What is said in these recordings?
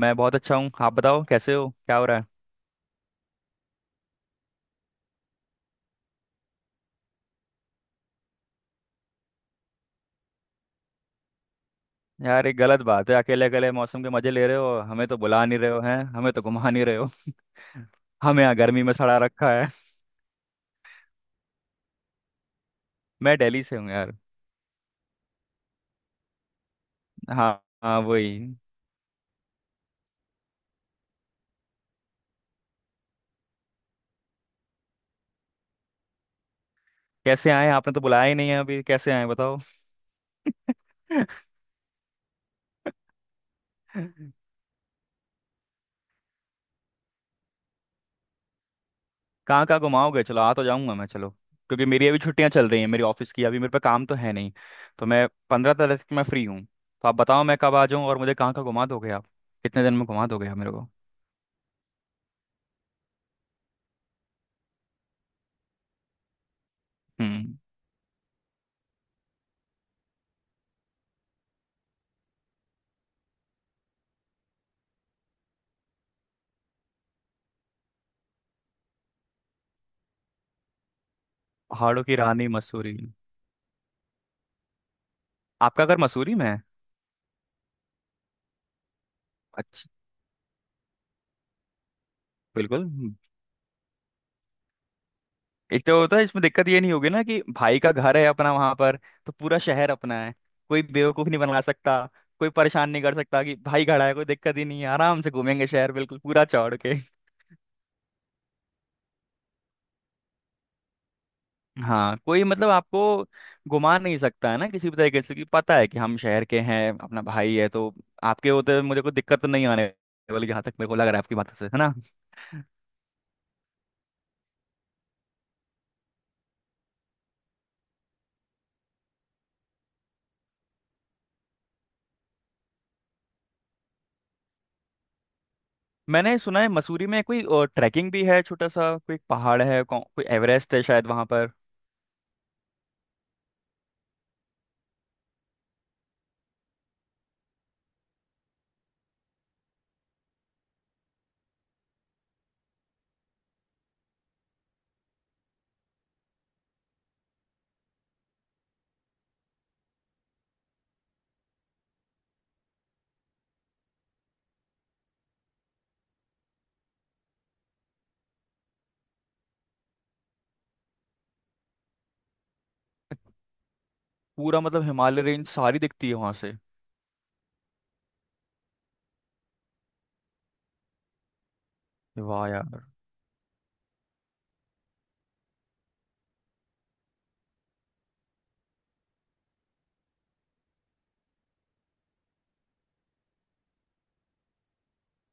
मैं बहुत अच्छा हूँ। आप बताओ, कैसे हो, क्या हो रहा है? यार, ये गलत बात है, अकेले अकेले मौसम के मजे ले रहे हो, हमें तो बुला नहीं रहे हो, हैं, हमें तो घुमा नहीं रहे हो। हमें यहाँ गर्मी में सड़ा रखा है। मैं दिल्ली से हूँ यार। हाँ, हाँ, वही। कैसे आए? आपने तो बुलाया ही नहीं है, अभी कैसे आए बताओ। कहाँ कहाँ घुमाओगे? चलो, आ तो जाऊंगा मैं, चलो, क्योंकि मेरी अभी छुट्टियां चल रही हैं, मेरी ऑफिस की, अभी मेरे पे काम तो है नहीं। तो मैं 15 तारीख तक मैं फ्री हूँ, तो आप बताओ मैं कब आ जाऊँ और मुझे कहाँ कहाँ घुमा दोगे आप? कितने दिन में घुमा दोगे आप मेरे को? हम्म। पहाड़ों की रानी मसूरी। आपका घर मसूरी में है? अच्छा। बिल्कुल। एक तो होता है इसमें, दिक्कत ये नहीं होगी ना कि भाई का घर है अपना वहां पर, तो पूरा शहर अपना है। कोई बेवकूफ नहीं बना सकता। कोई परेशान नहीं कर सकता कि भाई खड़ा है, कोई दिक्कत ही नहीं है, आराम से घूमेंगे शहर बिल्कुल पूरा चौड़ के। हाँ, कोई मतलब आपको घुमा नहीं सकता है ना, किसी भी तरीके से, कि पता है कि हम शहर के हैं, अपना भाई है तो। आपके होते हुए मुझे कोई दिक्कत तो नहीं आने वाली, जहाँ तक मेरे को लग रहा है आपकी बातों से, है ना। मैंने सुना है मसूरी में कोई ट्रैकिंग भी है, छोटा सा कोई पहाड़ है कोई एवरेस्ट है शायद वहां पर। पूरा मतलब हिमालय रेंज सारी दिखती है वहां से? वाह यार।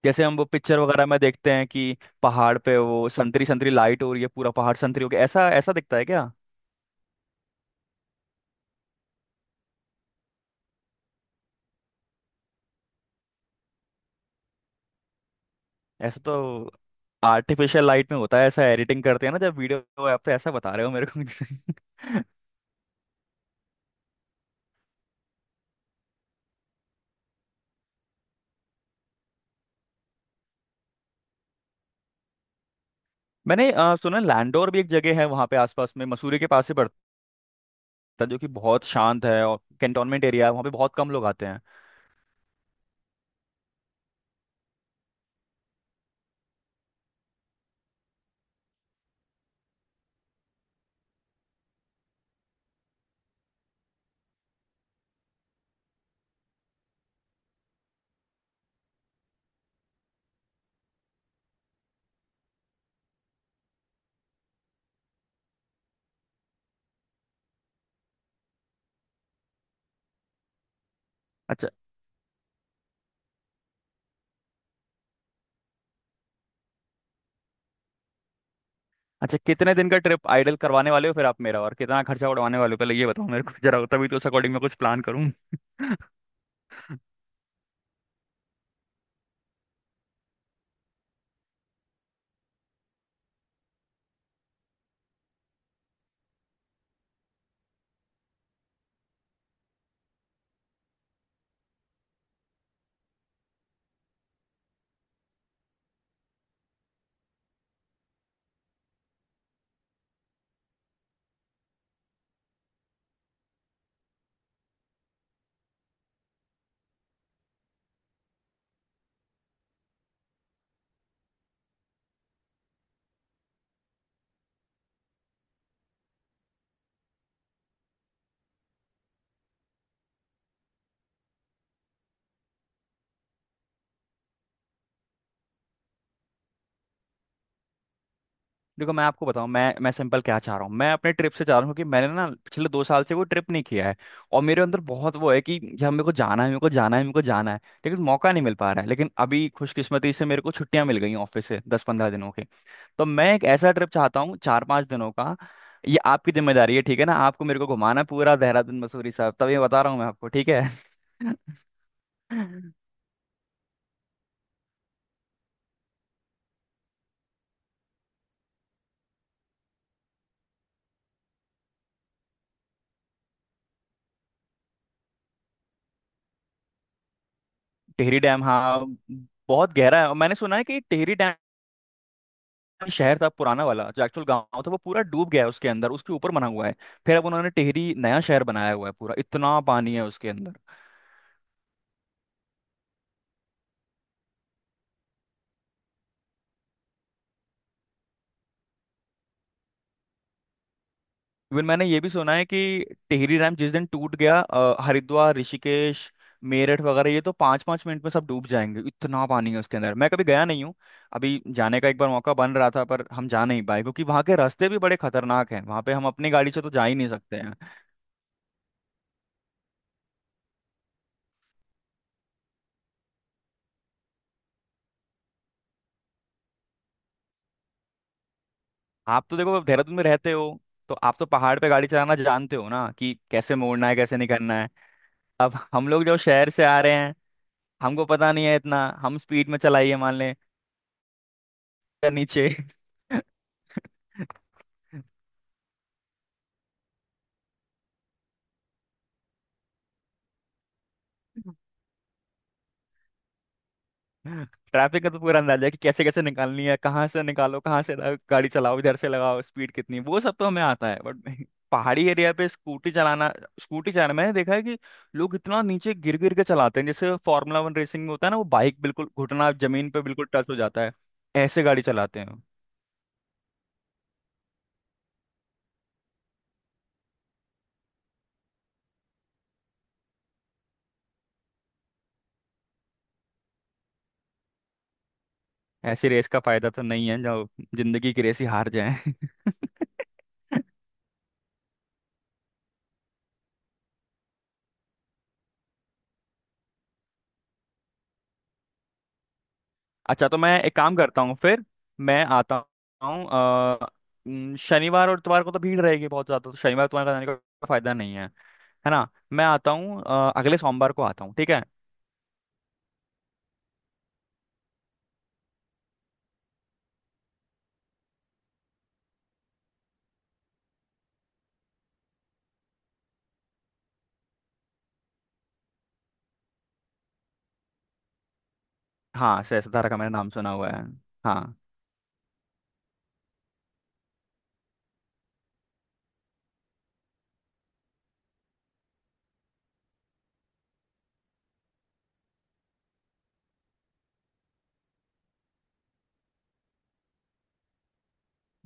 जैसे हम वो पिक्चर वगैरह में देखते हैं कि पहाड़ पे वो संतरी संतरी लाइट हो रही है, पूरा पहाड़ संतरी हो गया, ऐसा ऐसा दिखता है क्या? ऐसा तो आर्टिफिशियल लाइट में होता है, ऐसा एडिटिंग करते हैं ना जब वीडियो, आप तो ऐसा बता रहे हो मेरे को। मैंने सुना लैंडोर भी एक जगह है वहाँ पे आसपास में, मसूरी के पास ही पड़ता है, जो कि बहुत शांत है और कैंटोनमेंट एरिया है, वहाँ पे बहुत कम लोग आते हैं। अच्छा। अच्छा, कितने दिन का ट्रिप आइडल करवाने वाले हो फिर आप, मेरा और कितना खर्चा उड़वाने वाले हो, पहले ये बताओ मेरे को जरा, तभी तो उस अकॉर्डिंग मैं कुछ प्लान करूँ। देखो मैं आपको बताऊं, मैं सिंपल क्या चाह रहा हूँ, मैं अपने ट्रिप से चाह रहा हूँ, क्योंकि मैंने ना पिछले 2 साल से वो ट्रिप नहीं किया है, और मेरे अंदर बहुत वो है कि यार मेरे को जाना है, मेरे को जाना है, मेरे को जाना है, लेकिन मौका नहीं मिल पा रहा है। लेकिन अभी खुशकिस्मती से मेरे को छुट्टियां मिल गई ऑफिस से, 10-15 दिनों के। तो मैं एक ऐसा ट्रिप चाहता हूँ 4-5 दिनों का। ये आपकी जिम्मेदारी है, ठीक है ना, आपको मेरे को घुमाना है पूरा देहरादून मसूरी साहब, तब ये बता रहा हूँ मैं आपको, ठीक है। टेहरी डैम, हाँ, बहुत गहरा है। और मैंने सुना है कि टेहरी डैम शहर था पुराना वाला, जो एक्चुअल गांव था वो पूरा डूब गया है उसके अंदर, उसके ऊपर बना हुआ है। फिर अब उन्होंने टेहरी नया शहर बनाया हुआ है, पूरा इतना पानी है उसके अंदर। इवन मैंने ये भी सुना है कि टिहरी डैम जिस दिन टूट गया, हरिद्वार ऋषिकेश मेरठ वगैरह ये तो 5-5 मिनट में सब डूब जाएंगे, इतना पानी है उसके अंदर। मैं कभी गया नहीं हूँ, अभी जाने का एक बार मौका बन रहा था पर हम जा नहीं पाए, क्योंकि वहाँ के रास्ते भी बड़े खतरनाक हैं, वहाँ पे हम अपनी गाड़ी से तो जा ही नहीं सकते हैं। आप तो देखो अब देहरादून में रहते हो, तो आप तो पहाड़ पे गाड़ी चलाना जानते हो ना, कि कैसे मोड़ना है, कैसे नहीं करना है। अब हम लोग जो शहर से आ रहे हैं, हमको पता नहीं है इतना, हम स्पीड में चलाइए मान लें या नीचे। ट्रैफिक का तो पूरा अंदाजा है कि कैसे कैसे निकालनी है, कहाँ से निकालो, कहाँ से गाड़ी चलाओ, इधर से लगाओ, स्पीड कितनी, वो सब तो हमें आता है, बट पहाड़ी एरिया पे स्कूटी चलाना, स्कूटी चलाना मैंने देखा है कि लोग इतना नीचे गिर गिर के चलाते हैं, जैसे फॉर्मूला 1 रेसिंग में होता है ना वो, बाइक बिल्कुल, घुटना जमीन पे बिल्कुल टच हो जाता है, ऐसे गाड़ी चलाते हैं। ऐसी रेस का फायदा तो नहीं है, जो जिंदगी की रेस ही हार जाए। अच्छा, तो मैं एक काम करता हूँ फिर, मैं आता हूँ शनिवार और इतवार को तो भीड़ रहेगी बहुत ज़्यादा, तो शनिवार तुम्हारे जाने का फायदा नहीं है, है ना। मैं आता हूँ अगले सोमवार को आता हूँ, ठीक है। हाँ श्रेय सतारा का मैंने नाम सुना हुआ है, हाँ।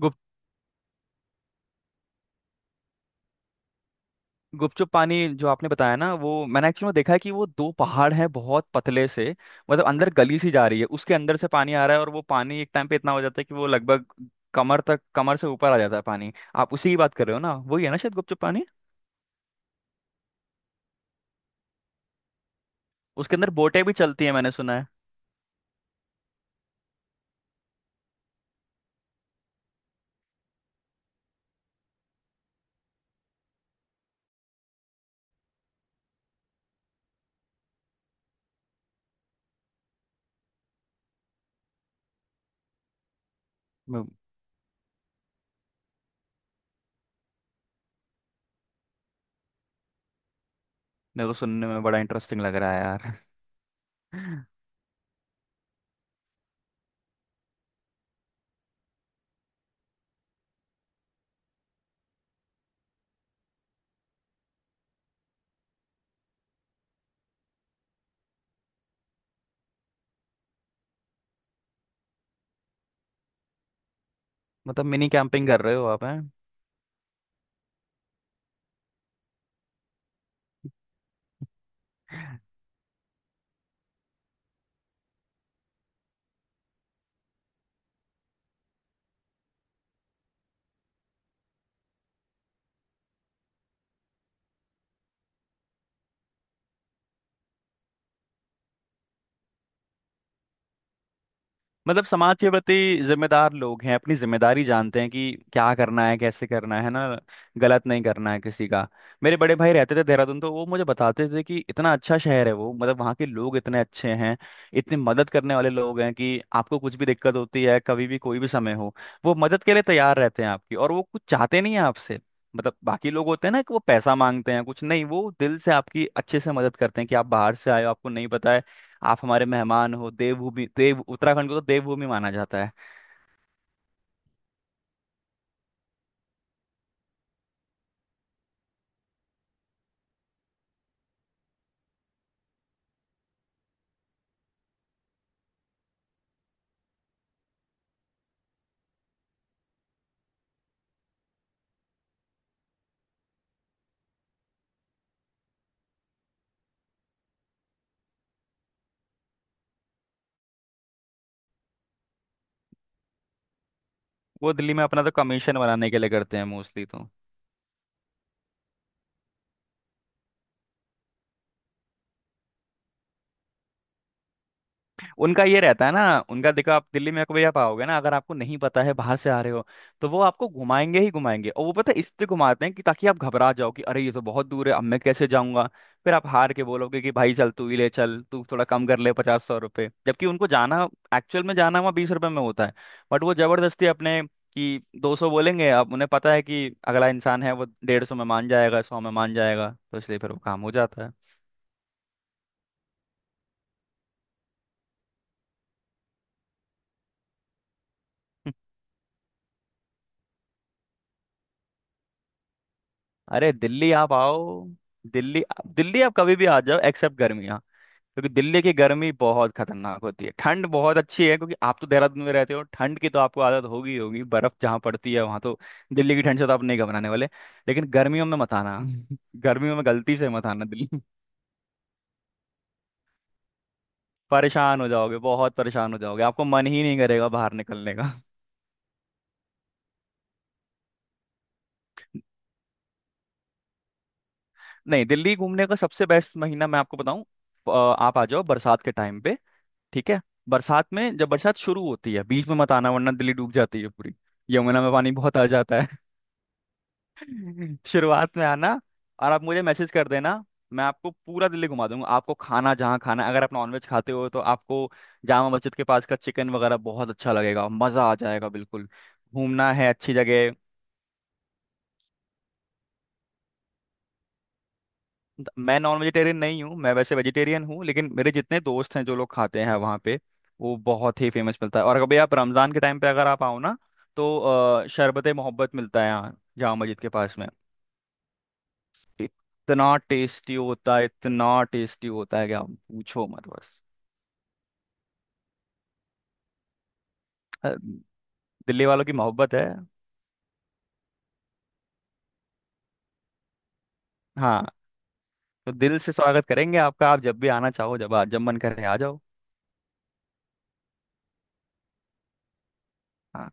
गुप गुपचुप पानी जो आपने बताया ना, वो मैंने एक्चुअली में देखा है, कि वो दो पहाड़ हैं बहुत पतले से, मतलब अंदर गली सी जा रही है, उसके अंदर से पानी आ रहा है, और वो पानी एक टाइम पे इतना हो जाता है कि वो लगभग कमर तक, कमर से ऊपर आ जाता है पानी। आप उसी की बात कर रहे हो ना, वही है ना शायद गुपचुप पानी? उसके अंदर बोटें भी चलती हैं मैंने सुना है। मे- मेरे को सुनने में बड़ा इंटरेस्टिंग लग रहा है यार। मतलब मिनी कैंपिंग कर रहे हो आप, हैं? मतलब समाज के प्रति जिम्मेदार लोग हैं, अपनी जिम्मेदारी जानते हैं कि क्या करना है, कैसे करना है ना। गलत नहीं करना है किसी का। मेरे बड़े भाई रहते थे देहरादून, तो वो मुझे बताते थे कि इतना अच्छा शहर है वो, मतलब वहाँ के लोग इतने अच्छे हैं, इतने मदद करने वाले लोग हैं, कि आपको कुछ भी दिक्कत होती है, कभी भी कोई भी समय हो, वो मदद के लिए तैयार रहते हैं आपकी, और वो कुछ चाहते नहीं है आपसे। मतलब बाकी लोग होते हैं ना, कि वो पैसा मांगते हैं, कुछ नहीं, वो दिल से आपकी अच्छे से मदद करते हैं कि आप बाहर से आए हो, आपको नहीं पता है, आप हमारे मेहमान हो। देवभूमि, देव, उत्तराखंड को तो देवभूमि माना जाता है। वो दिल्ली में अपना तो कमीशन बनाने के लिए करते हैं मोस्टली, तो उनका ये रहता है ना। उनका देखो, आप दिल्ली में कभी आप आओगे ना, अगर आपको नहीं पता है, बाहर से आ रहे हो, तो वो आपको घुमाएंगे ही घुमाएंगे, और वो पता है इससे घुमाते हैं कि ताकि आप घबरा जाओ कि अरे ये तो बहुत दूर है, अब मैं कैसे जाऊंगा। फिर आप हार के बोलोगे कि भाई चल तू ही ले चल, तू थोड़ा कम कर ले, 50-100 रुपये, जबकि उनको जाना, एक्चुअल में जाना वहाँ 20 रुपये में होता है, बट वो जबरदस्ती अपने, कि 200 बोलेंगे, अब उन्हें पता है कि अगला इंसान है वो 150 में मान जाएगा, 100 में मान जाएगा, तो इसलिए फिर वो काम हो जाता है। अरे दिल्ली आप आओ। दिल्ली, दिल्ली आप कभी भी आ जाओ एक्सेप्ट गर्मियाँ, क्योंकि दिल्ली की गर्मी बहुत खतरनाक होती है। ठंड बहुत अच्छी है, क्योंकि आप तो देहरादून में रहते हो, ठंड की तो आपको आदत होगी ही होगी, बर्फ जहाँ पड़ती है वहां तो। दिल्ली की ठंड से तो आप नहीं घबराने वाले, लेकिन गर्मियों में मत आना। गर्मियों में गलती से मत आना दिल्ली, परेशान हो जाओगे, बहुत परेशान हो जाओगे, आपको मन ही नहीं करेगा बाहर निकलने का। नहीं, दिल्ली घूमने का सबसे बेस्ट महीना मैं आपको बताऊं, आप आ जाओ बरसात के टाइम पे, ठीक है। बरसात में, जब बरसात शुरू होती है, बीच में मत आना, वरना दिल्ली डूब जाती है पूरी, यमुना में पानी बहुत आ जाता है। शुरुआत में आना, और आप मुझे मैसेज कर देना, मैं आपको पूरा दिल्ली घुमा दूंगा। आपको खाना जहाँ खाना है, अगर आप नॉनवेज खाते हो तो आपको जामा मस्जिद के पास का चिकन वगैरह बहुत अच्छा लगेगा, मज़ा आ जाएगा बिल्कुल। घूमना है अच्छी जगह। मैं नॉन वेजिटेरियन नहीं हूँ, मैं वैसे वेजिटेरियन हूँ, लेकिन मेरे जितने दोस्त हैं जो लोग खाते हैं वहाँ पे, वो बहुत ही फेमस मिलता है। और कभी आप रमज़ान के टाइम पे अगर आप आओ ना, तो शरबत मोहब्बत मिलता है यहाँ जामा मस्जिद के पास में, इतना टेस्टी होता है, इतना टेस्टी होता है कि आप पूछो मत बस। अ, दिल्ली वालों की मोहब्बत है। हाँ। तो दिल से स्वागत करेंगे आपका, आप जब भी आना चाहो, जब जब मन करे आ जाओ। हाँ।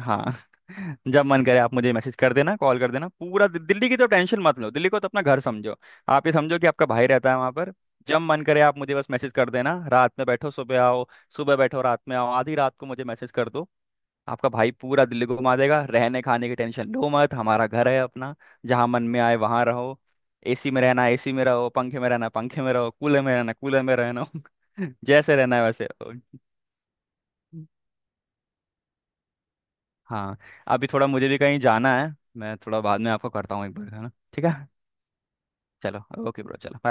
हाँ। जब मन करे आप मुझे मैसेज कर देना, कॉल कर देना, पूरा दिल्ली की तो टेंशन मत लो, दिल्ली को तो अपना घर समझो। आप ये समझो कि आपका भाई रहता है वहां पर। जब मन करे आप मुझे बस मैसेज कर देना, रात में बैठो सुबह आओ, सुबह बैठो रात में आओ, आधी रात को मुझे मैसेज कर दो, आपका भाई पूरा दिल्ली को घुमा देगा। रहने खाने की टेंशन लो मत, हमारा घर है अपना, जहाँ मन में आए वहां रहो। एसी में रहना एसी में रहो, पंखे में रहना पंखे में रहो, कूलर में रहना कूलर में रहना, जैसे रहना है वैसे। हाँ, अभी थोड़ा मुझे भी कहीं जाना है, मैं थोड़ा बाद में आपको करता हूँ एक बार, है ना, ठीक है। चलो, ओके ब्रो, चलो।